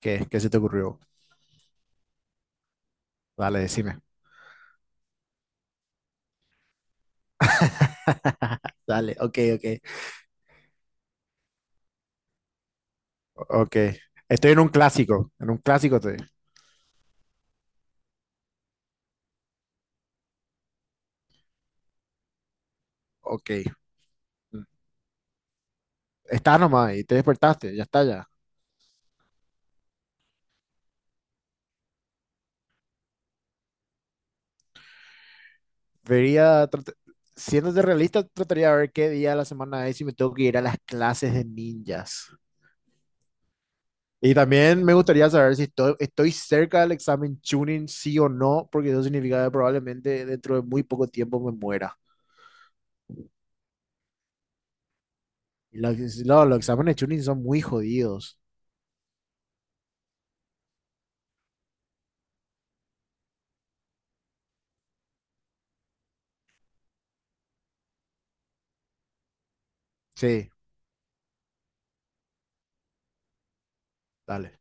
¿Qué, qué se te ocurrió? Dale, decime. Dale, ok, ok. Ok. Estoy en un clásico. En un clásico estoy. Ok. Estás nomás y te despertaste. Ya está, ya. Vería, trat- Siéndote realista, trataría de ver qué día de la semana es y me tengo que ir a las clases de ninjas. Y también me gustaría saber si estoy cerca del examen Chunin, sí o no, porque eso significa que probablemente dentro de muy poco tiempo me muera. Y los, no, los exámenes Chunin son muy jodidos. Sí, dale.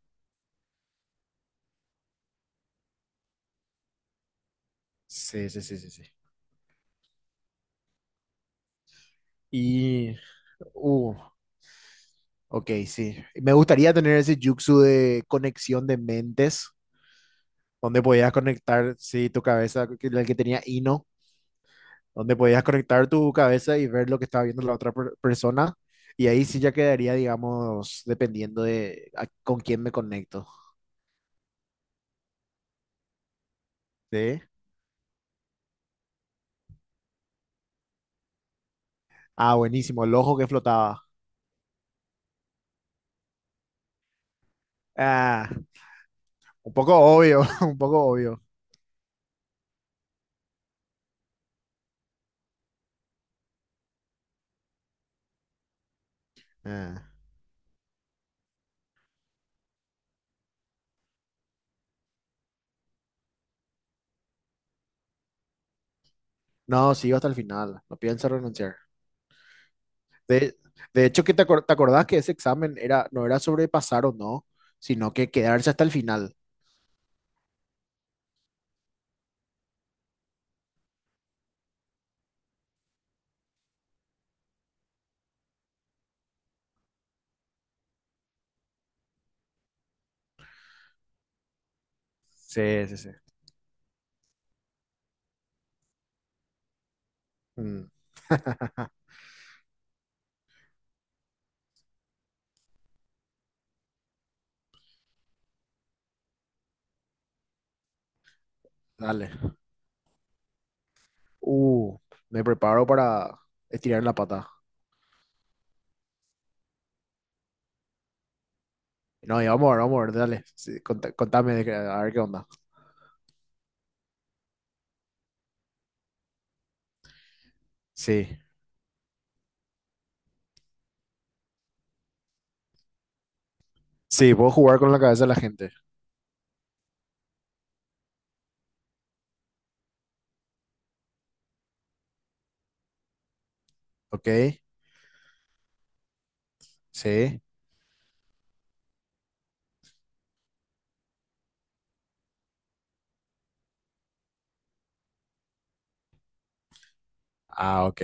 Sí, sí, sí, sí, sí. Y, uh, ok, sí. Me gustaría tener ese jutsu de conexión de mentes, donde podías conectar, sí, tu cabeza, la que tenía Ino, donde podías conectar tu cabeza y ver lo que estaba viendo la otra persona. Y ahí sí ya quedaría, digamos, dependiendo de con quién me conecto. Sí. Ah, buenísimo, el ojo que flotaba. Ah, un poco obvio, un poco obvio. Ah, no, sigo hasta el final, no pienso renunciar. De, de hecho, que te, te acordás que ese examen era, no era sobre pasar o no, sino que quedarse hasta el final. Sí, sí, sí. Mm. Dale. Uh, me preparo para estirar la pata. No, ya vamos a ver, dale. Sí, contame, a ver qué onda. Sí. Sí, puedo jugar con la cabeza de la gente. Ok. Sí. Ah, ok.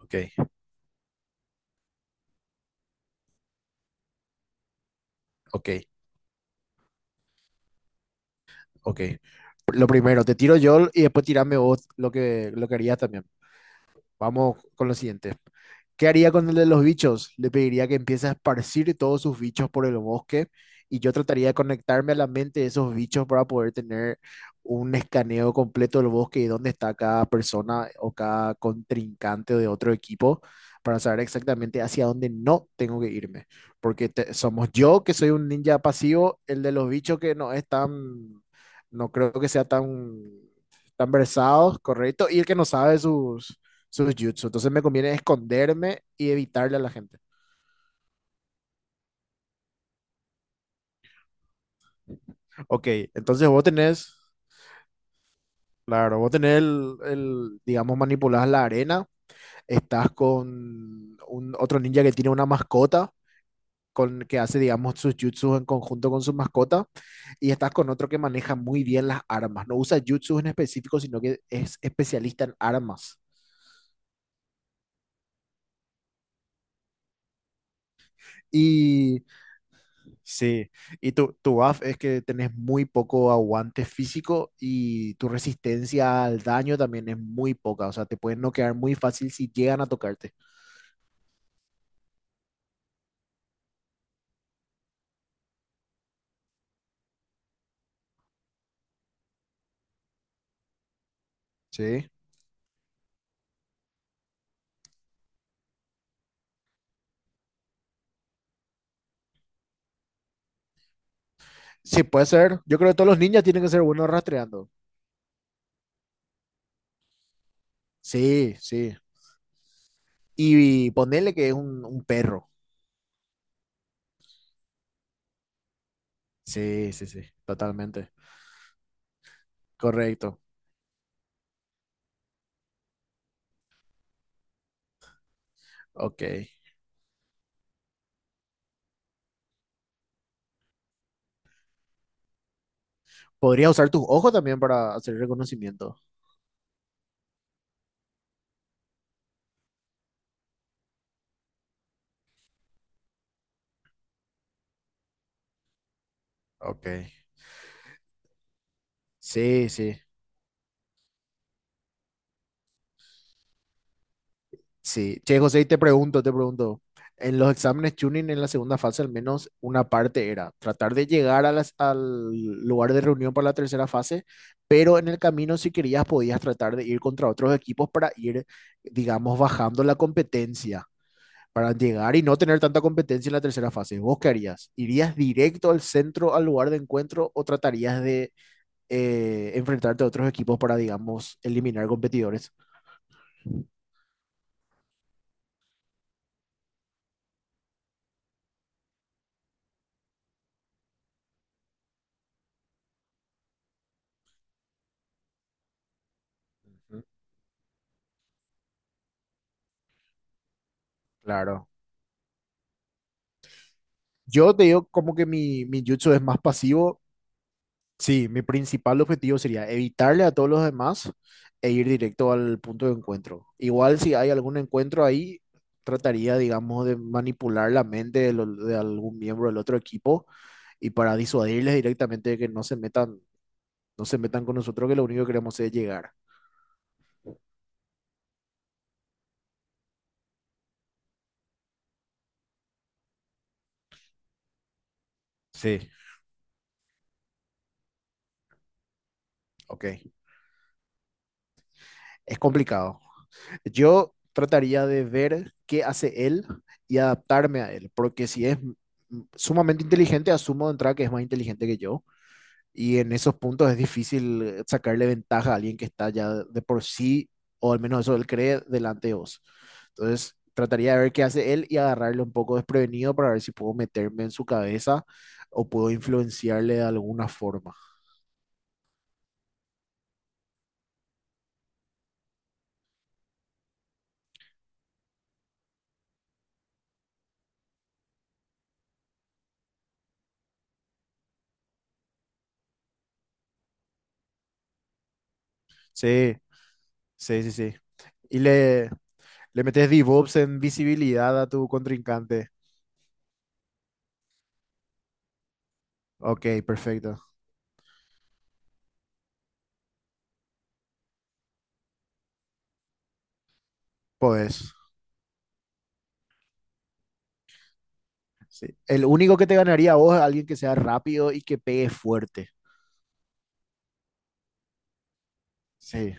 Ok. Ok. Ok. Lo primero, te tiro yo y después tirame vos lo que harías también. Vamos con lo siguiente. ¿Qué haría con el de los bichos? Le pediría que empiece a esparcir todos sus bichos por el bosque y yo trataría de conectarme a la mente de esos bichos para poder tener un escaneo completo del bosque y dónde está cada persona o cada contrincante de otro equipo para saber exactamente hacia dónde no tengo que irme. Porque somos yo que soy un ninja pasivo, el de los bichos que no es tan, no creo que sea tan, tan versado, correcto, y el que no sabe sus jutsu. Entonces me conviene esconderme y evitarle a la gente. Ok, entonces vos tenés, claro, vos tenés digamos, manipulás la arena, estás con un otro ninja que tiene una mascota. Con, que hace, digamos, sus jutsus en conjunto con su mascota, y estás con otro que maneja muy bien las armas. No usa jutsus en específico, sino que es especialista en armas. Y Sí, y tu buff es que tenés muy poco aguante físico y tu resistencia al daño también es muy poca, o sea, te pueden noquear muy fácil si llegan a tocarte. Sí, sí, puede ser. Yo creo que todos los ninjas tienen que ser buenos rastreando. Sí, sí. Y, ponerle que es un perro. Sí, sí, sí, totalmente. Correcto. Ok. Podría usar tus ojos también para hacer reconocimiento. Ok. Sí, sí. Sí, che, José, y te pregunto, en los exámenes tuning en la segunda fase al menos una parte era tratar de llegar a al lugar de reunión para la tercera fase, pero en el camino si querías podías tratar de ir contra otros equipos para ir, digamos, bajando la competencia, para llegar y no tener tanta competencia en la tercera fase. ¿Vos qué harías? ¿Irías directo al centro, al lugar de encuentro o tratarías de enfrentarte a otros equipos para, digamos, eliminar competidores? Ujú. Claro. Yo te digo como que mi jutsu es más pasivo. Sí, mi principal objetivo sería evitarle a todos los demás e ir directo al punto de encuentro. Igual si hay algún encuentro ahí, trataría, digamos, de manipular la mente de algún miembro del otro equipo y para disuadirles directamente de que no se metan, no se metan con nosotros, que lo único que queremos es llegar. Sí. Ok, es complicado. Yo trataría de ver qué hace él y adaptarme a él, porque si es sumamente inteligente, asumo de entrada que es más inteligente que yo, y en esos puntos es difícil sacarle ventaja a alguien que está ya de por sí, o al menos eso él cree, delante de vos. Entonces, trataría de ver qué hace él y agarrarle un poco desprevenido para ver si puedo meterme en su cabeza o puedo influenciarle de alguna forma. Sí, sí, sí, sí. Y le metes DevOps en visibilidad a tu contrincante. Ok, perfecto. Pues sí. El único que te ganaría a vos es alguien que sea rápido y que pegue fuerte. Sí,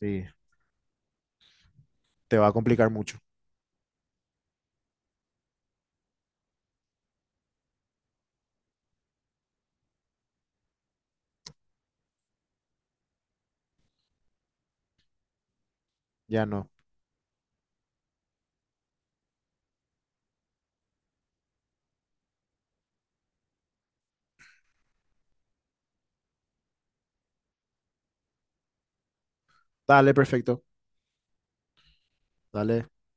sí. Te va a complicar mucho. Ya no. Dale, perfecto. Dale.